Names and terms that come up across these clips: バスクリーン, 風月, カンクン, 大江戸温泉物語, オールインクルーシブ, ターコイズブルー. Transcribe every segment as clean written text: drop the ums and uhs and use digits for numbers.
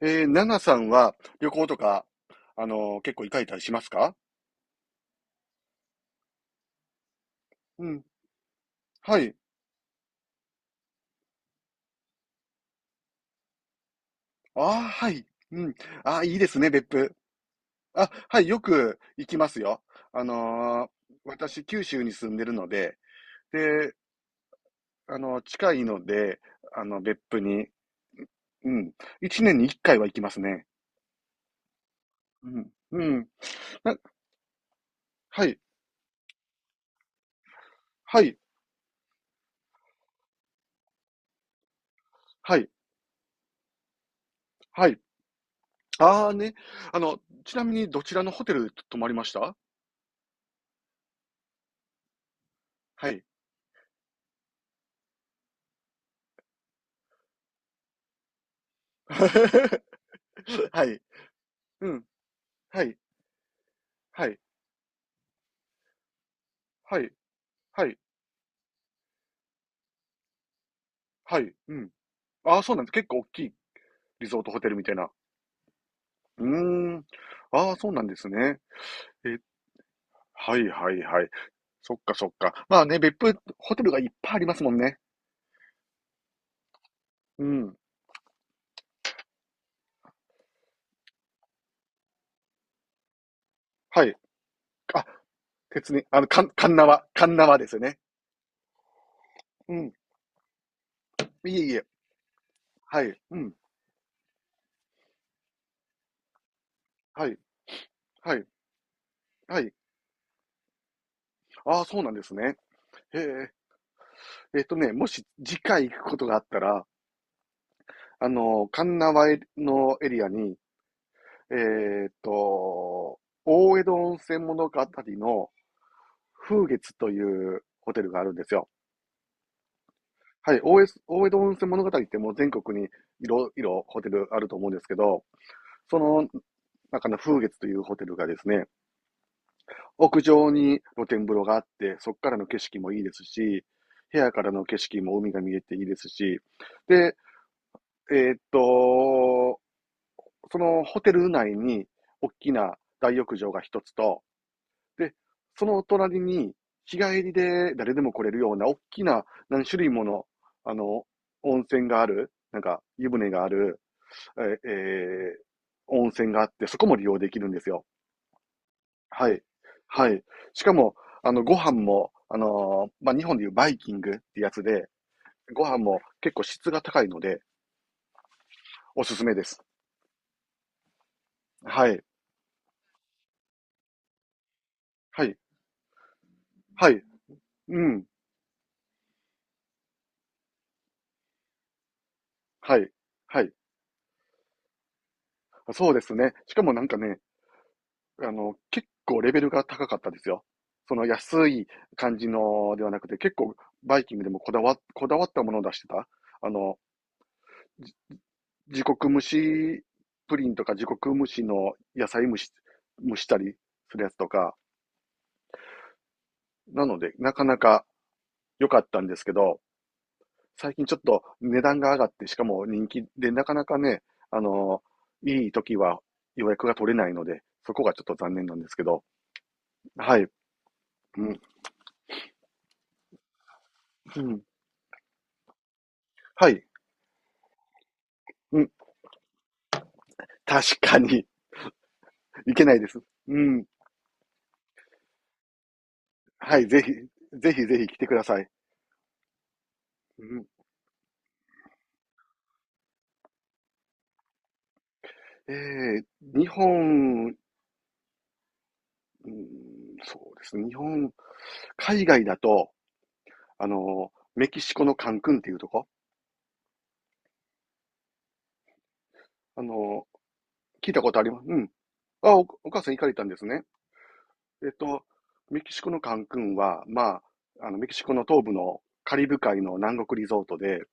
ナナさんは旅行とか、結構行かれたりしますか？うん。はい。ああ、はい。うん。ああ、いいですね、別府。あ、はい、よく行きますよ。あのー私、九州に住んでるので、で、近いので、別府に、うん、一年に一回は行きますね。うん。うん。な、はい、はい、はい、はい。ああね。あの、ちなみにどちらのホテル泊まりました？はい。はい。うん。はい。はい、はい、はい、はい、うん。ああ、そうなんです。結構大きいリゾートホテルみたいな。うーん。ああ、そうなんですね。え、はいはいはい。そっかそっか。まあね、別府ホテルがいっぱいありますもんね。うん。はい。あ、鉄輪ですよね？うん。いえいえ。はい。うん。はい。はい。はい。ああ、そうなんですね。へえ。もし次回行くことがあったら、鉄輪のエリアに、えーっと、大江戸温泉物語の風月というホテルがあるんですよ。はい、大江戸温泉物語ってもう全国にいろいろホテルあると思うんですけど、その中の風月というホテルがですね、屋上に露天風呂があって、そこからの景色もいいですし、部屋からの景色も海が見えていいですし、で、えーっと、そのホテル内に大きな大浴場が一つと、で、その隣に、日帰りで誰でも来れるような、大きな何種類もの、あの、温泉がある、湯船がある、えー温泉があって、そこも利用できるんですよ。はい。はい。しかも、ご飯も、まあ、日本でいうバイキングってやつで、ご飯も結構質が高いので、おすすめです。はい。はい。はい。うん。はい。はい。そうですね。しかもなんかね、結構レベルが高かったですよ。その安い感じのではなくて、結構バイキングでもこだわったものを出してた。あの、自国蒸しプリンとか自国蒸しの野菜蒸し、蒸したりするやつとか。なので、なかなか良かったんですけど、最近ちょっと値段が上がって、しかも人気で、なかなかね、あの、いい時は予約が取れないので、そこがちょっと残念なんですけど。はい。うん。うん、はい。うん。確かに。いけないです。うん。はい、ぜひ、ぜひぜひ来てください。うん、え日本、うん、そうですね、日本、海外だと、メキシコのカンクンっていうとこ、あの、聞いたことあります、うん。あ、お母さん行かれたんですね。えっと、メキシコのカンクンは、まあ、メキシコの東部のカリブ海の南国リゾートで、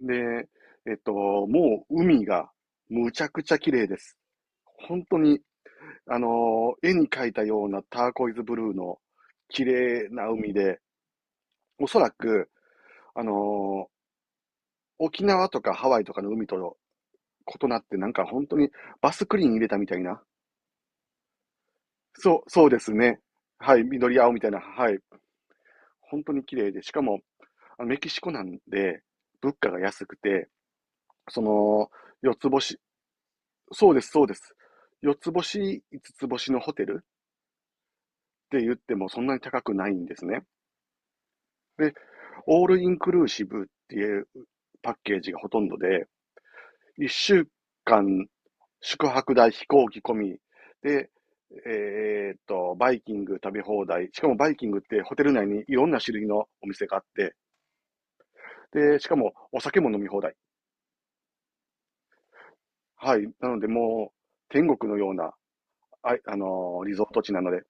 で、もう海がむちゃくちゃ綺麗です。本当に絵に描いたようなターコイズブルーの綺麗な海で、おそらく、あのー沖縄とかハワイとかの海と異なって本当にバスクリーン入れたみたいな。そう、そうですね。はい、緑青みたいな。はい。本当に綺麗で、しかも、メキシコなんで、物価が安くて、その、四つ星、そうです、そうです。四つ星、五つ星のホテルって言ってもそんなに高くないんですね。で、オールインクルーシブっていうパッケージがほとんどで、1週間宿泊代、飛行機込みで、バイキング食べ放題。しかもバイキングってホテル内にいろんな種類のお店があって、で、しかもお酒も飲み放題。はい。なのでもう天国のような、あいあのーリゾート地なので、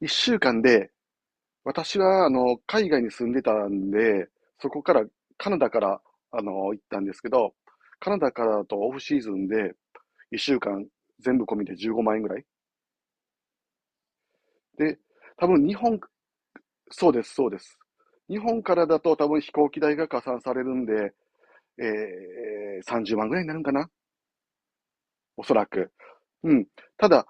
1週間で私は、海外に住んでたんで、そこから、カナダから、行ったんですけど、カナダからだとオフシーズンで、1週間全部込みで15万円ぐらい。で、多分日本、そうです、そうです。日本からだと多分飛行機代が加算されるんで、30万ぐらいになるんかな、おそらく。うん。ただ、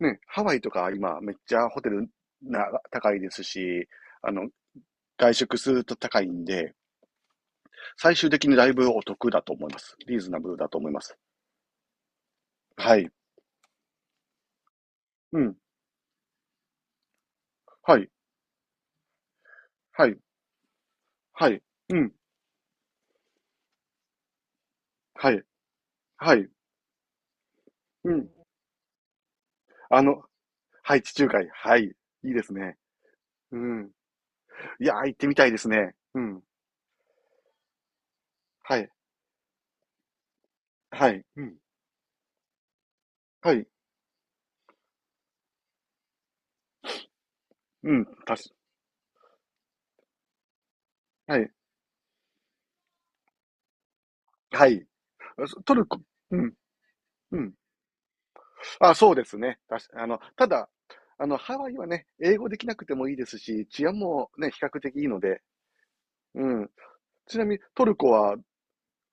ね、ハワイとか今めっちゃホテルな高いですし、あの、外食すると高いんで、最終的にだいぶお得だと思います。リーズナブルだと思います。はい。うん。はい。はい。はい。うん。はい。はい。うん。あの、はい、地中海。はい。いいですね。うん。いやー、行ってみたいですね。うん。はい。はい。うん。はい。うん。はい。はい。トルコ。うん。うん。あ、そうですね。ただ、ハワイはね、英語できなくてもいいですし、治安もね、比較的いいので、うん。ちなみにトルコは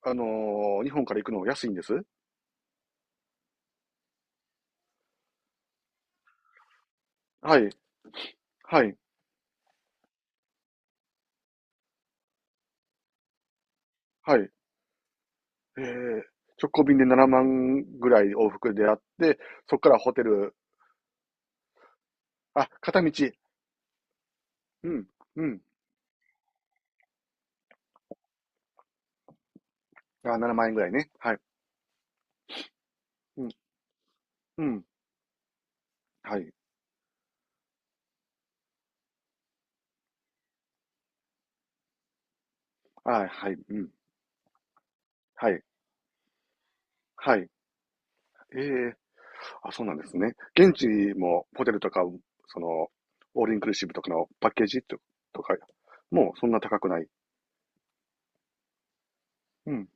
あの日本から行くの安いんです。はい。はい。はい。えー、直行便で7万ぐらい往復であって、そこからホテル、あ、片道。うん。うん。あ、7万円ぐらいね。はい。うん。うん。はい。あ、はい。うん。はい。はい。えー、あ、そうなんですね。現地もホテルとか、その、オールインクルーシブとかのパッケージとか、もうそんな高くない。うん。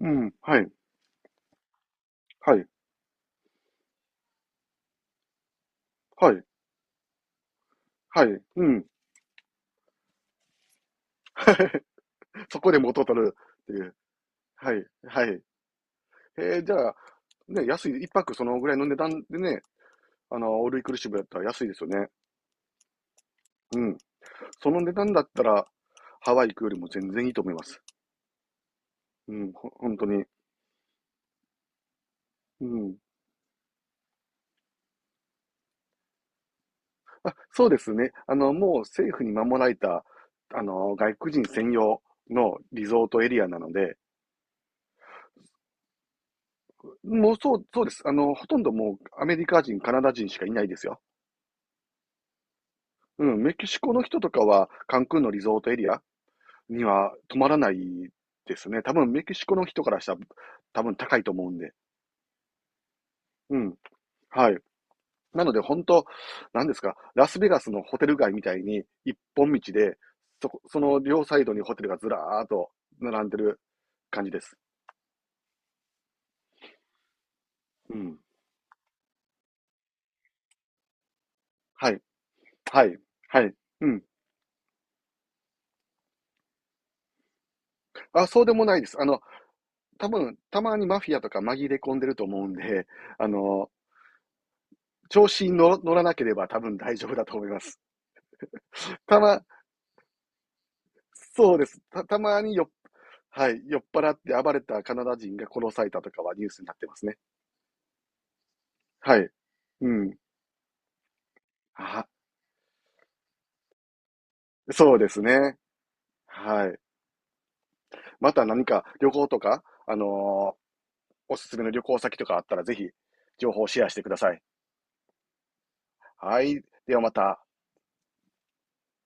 うん。はい。はい。はい。はい。うん。そこで元を取るっていう。はい。はい。じゃあ、ね、安い、一泊そのぐらいの値段でね、オールインクルーシブだったら安いですよね。うん。その値段だったら、ハワイ行くよりも全然いいと思います。うん、本当に。うん。そうですね。もう政府に守られた、外国人専用のリゾートエリアなので、もうそう、そうです。ほとんどもうアメリカ人、カナダ人しかいないですよ。うん、メキシコの人とかは、カンクンのリゾートエリア、には止まらないですね。多分メキシコの人からしたら多分高いと思うんで。うん。はい。なので本当、なんですか、ラスベガスのホテル街みたいに一本道で、その両サイドにホテルがずらーっと並んでる感じです。うん。はい。はい。はい。うん。あ、そうでもないです。多分、たまにマフィアとか紛れ込んでると思うんで、あの、調子に乗らなければ多分大丈夫だと思います。たま、そうです。た、たまによっはい。酔っ払って暴れたカナダ人が殺されたとかはニュースになってますね。はい。うん。あ、そうですね。はい。また何か旅行とか、おすすめの旅行先とかあったらぜひ情報をシェアしてください。はい。ではまた。